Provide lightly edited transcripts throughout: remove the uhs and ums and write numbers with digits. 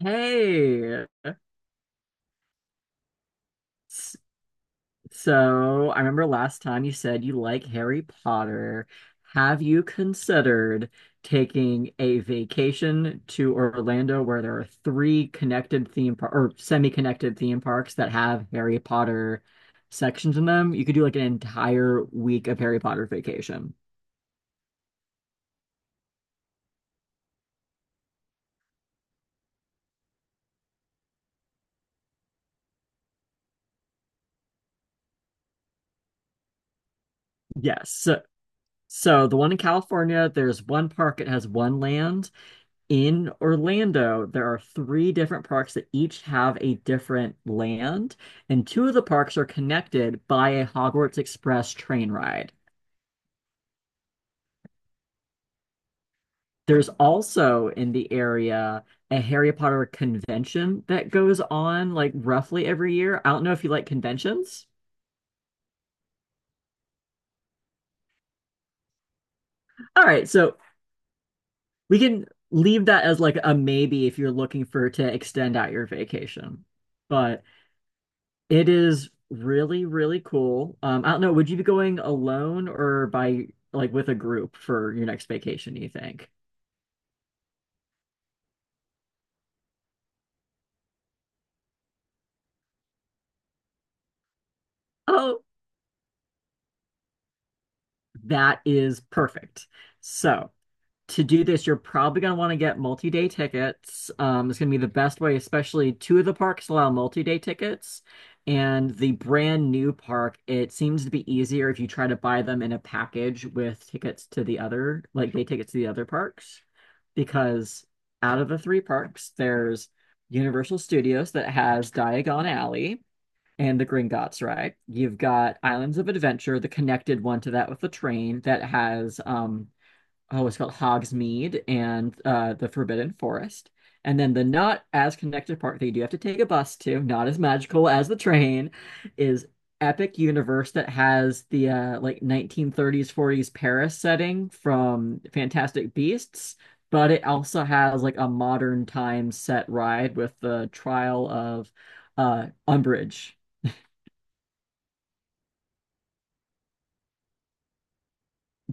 Hey, S- so I remember last time you said you like Harry Potter. Have you considered taking a vacation to Orlando where there are three connected theme par or semi-connected theme parks that have Harry Potter sections in them? You could do like an entire week of Harry Potter vacation. Yes. So the one in California, there's one park, it has one land. In Orlando, there are three different parks that each have a different land, and two of the parks are connected by a Hogwarts Express train ride. There's also in the area a Harry Potter convention that goes on like roughly every year. I don't know if you like conventions. All right, so we can leave that as like a maybe if you're looking for to extend out your vacation. But it is really, really cool. I don't know, would you be going alone or by like with a group for your next vacation, do you think? Oh, that is perfect. So, to do this, you're probably going to want to get multi-day tickets. It's going to be the best way, especially two of the parks allow multi-day tickets. And the brand new park, it seems to be easier if you try to buy them in a package with tickets to the other, like day tickets to the other parks, because out of the three parks, there's Universal Studios that has Diagon Alley and the Gringotts ride. You've got Islands of Adventure, the connected one to that with the train that has oh, it's called Hogsmeade and the Forbidden Forest. And then the not as connected part that you do have to take a bus to, not as magical as the train, is Epic Universe that has the like 1930s, 40s Paris setting from Fantastic Beasts, but it also has like a modern time set ride with the trial of Umbridge.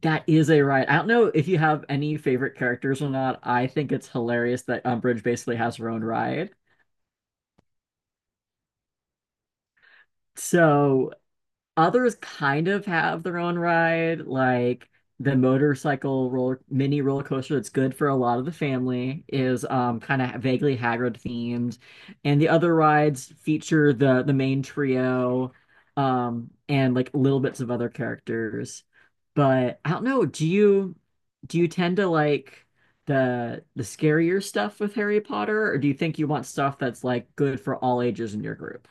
That is a ride. I don't know if you have any favorite characters or not. I think it's hilarious that Umbridge basically has her own ride. So others kind of have their own ride, like the motorcycle roller mini roller coaster that's good for a lot of the family is kind of vaguely Hagrid themed, and the other rides feature the main trio, and like little bits of other characters. But I don't know, do you tend to like the scarier stuff with Harry Potter, or do you think you want stuff that's like good for all ages in your group?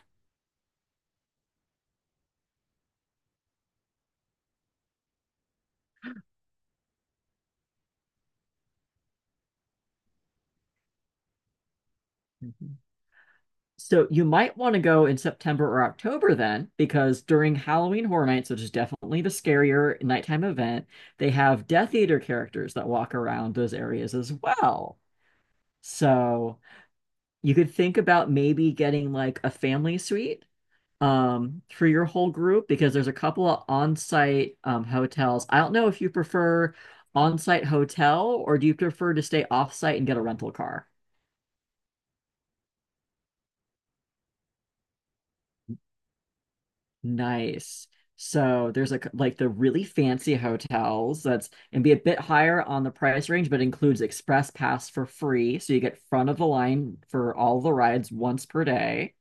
So you might want to go in September or October then, because during Halloween Horror Nights, which is definitely the scarier nighttime event, they have Death Eater characters that walk around those areas as well. So you could think about maybe getting like a family suite for your whole group because there's a couple of on-site hotels. I don't know if you prefer on-site hotel or do you prefer to stay off-site and get a rental car? Nice. So there's like the really fancy hotels that's and be a bit higher on the price range, but includes express pass for free. So you get front of the line for all the rides once per day.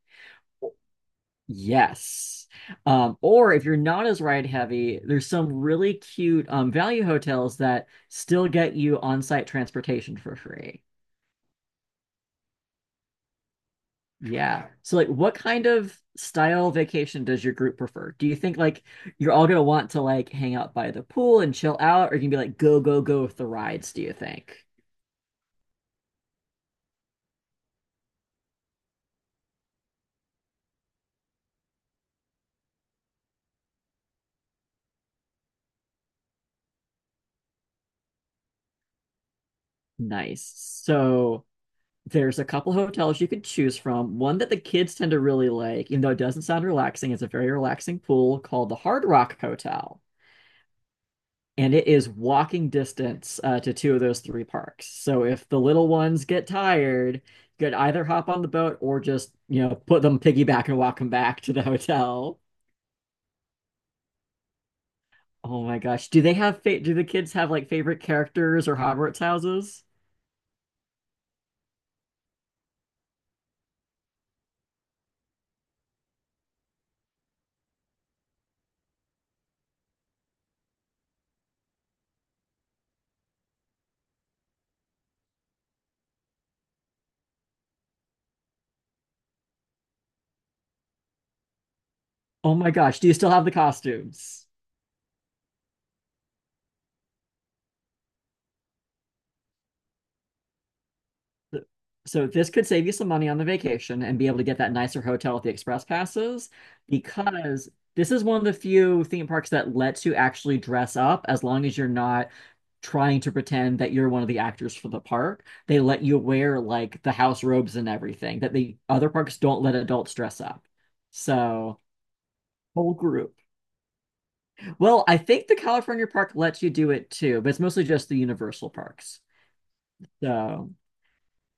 Yes. Or if you're not as ride heavy, there's some really cute value hotels that still get you on-site transportation for free. Yeah. So like what kind of style vacation does your group prefer? Do you think like you're all gonna want to like hang out by the pool and chill out, or you can be like go, go, go with the rides, do you think? Nice. So there's a couple hotels you could choose from. One that the kids tend to really like, even though it doesn't sound relaxing, it's a very relaxing pool called the Hard Rock Hotel. And it is walking distance to two of those three parks. So if the little ones get tired, you could either hop on the boat or just, put them piggyback and walk them back to the hotel. Oh my gosh. Do the kids have like favorite characters or Hogwarts houses? Oh my gosh. Do you still have the costumes? So this could save you some money on the vacation and be able to get that nicer hotel with the express passes because this is one of the few theme parks that lets you actually dress up as long as you're not trying to pretend that you're one of the actors for the park. They let you wear like the house robes and everything that the other parks don't let adults dress up. So whole group. Well, I think the California park lets you do it too, but it's mostly just the Universal parks. So.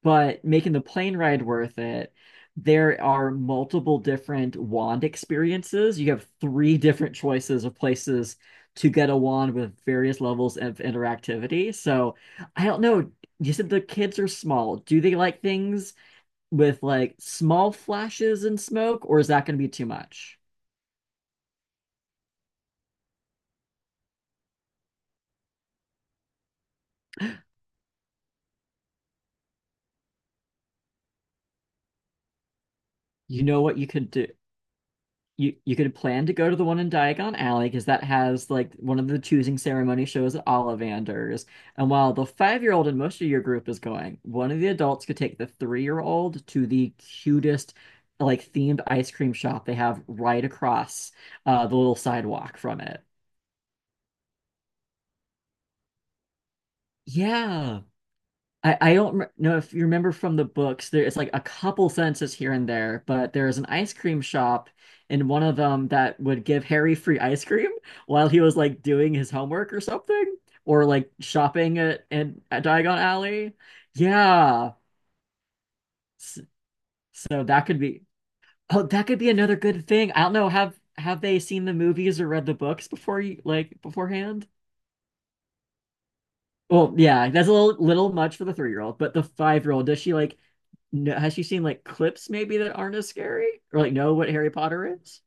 But making the plane ride worth it, there are multiple different wand experiences. You have three different choices of places to get a wand with various levels of interactivity. So I don't know. You said the kids are small. Do they like things with like small flashes and smoke, or is that going to be too much? You know what you could do. You could plan to go to the one in Diagon Alley because that has like one of the choosing ceremony shows at Ollivander's. And while the 5-year-old in most of your group is going, one of the adults could take the 3-year-old to the cutest like themed ice cream shop they have right across the little sidewalk from it. Yeah. I don't know if you remember from the books, there it's like a couple sentences here and there, but there is an ice cream shop in one of them that would give Harry free ice cream while he was like doing his homework or something, or like shopping at, in, at Diagon Alley. Yeah. S- So that could be another good thing. I don't know, have they seen the movies or read the books before you like beforehand? Well, yeah, that's a little much for the 3-year-old, but the 5-year-old, does she like know, has she seen like clips maybe that aren't as scary or like know what Harry Potter is?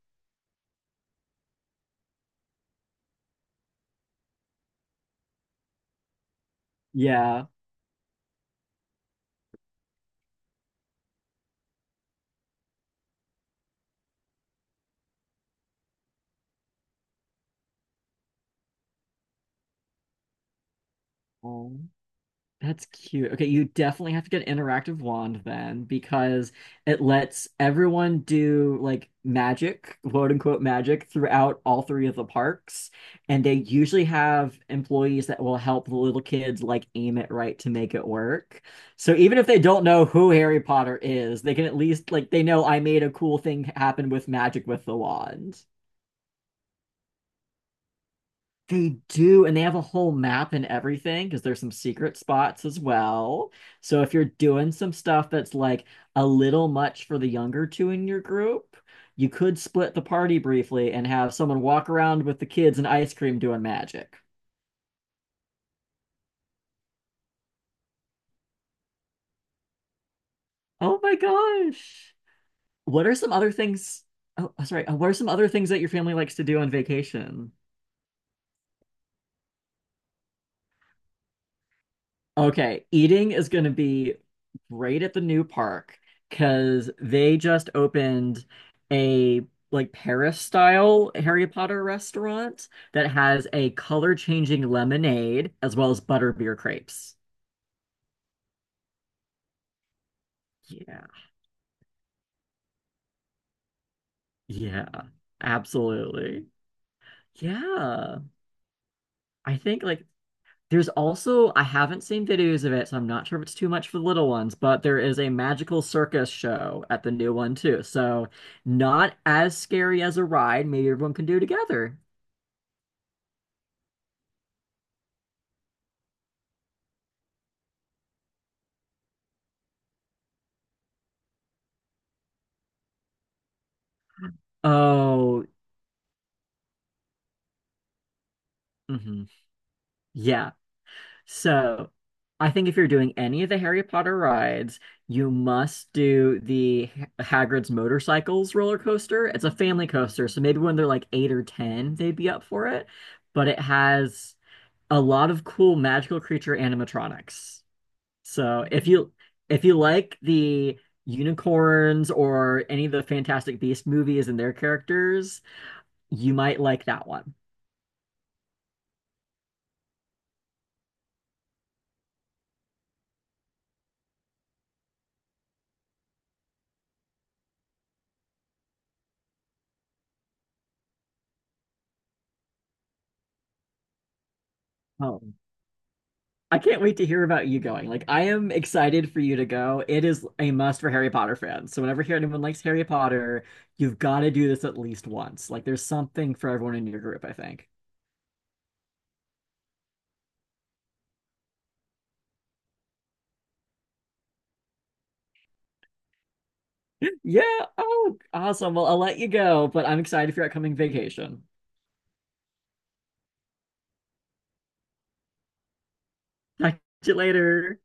Yeah. Oh. That's cute. Okay, you definitely have to get an interactive wand then because it lets everyone do like magic, quote unquote magic, throughout all three of the parks. And they usually have employees that will help the little kids like aim it right to make it work. So even if they don't know who Harry Potter is, they can at least like they know I made a cool thing happen with magic with the wand. They do, and they have a whole map and everything because there's some secret spots as well. So if you're doing some stuff that's like a little much for the younger two in your group, you could split the party briefly and have someone walk around with the kids and ice cream doing magic. Oh my gosh. What are some other things? Oh, sorry. What are some other things that your family likes to do on vacation? Okay, eating is going to be great at the new park because they just opened a like Paris style Harry Potter restaurant that has a color changing lemonade as well as butterbeer crepes. Yeah. Yeah. Absolutely. Yeah. I think like there's also, I haven't seen videos of it, so I'm not sure if it's too much for the little ones, but there is a magical circus show at the new one too. So not as scary as a ride. Maybe everyone can do it together. Oh, hmm. Yeah. So I think if you're doing any of the Harry Potter rides, you must do the Hagrid's Motorcycles roller coaster. It's a family coaster, so maybe when they're like eight or ten, they'd be up for it. But it has a lot of cool magical creature animatronics. So if you like the unicorns or any of the Fantastic Beast movies and their characters, you might like that one. Oh, I can't wait to hear about you going. Like, I am excited for you to go. It is a must for Harry Potter fans. So whenever anyone likes Harry Potter, you've got to do this at least once. Like, there's something for everyone in your group, I think. Yeah. Oh, awesome. Well, I'll let you go, but I'm excited for your upcoming vacation. Talk to you later.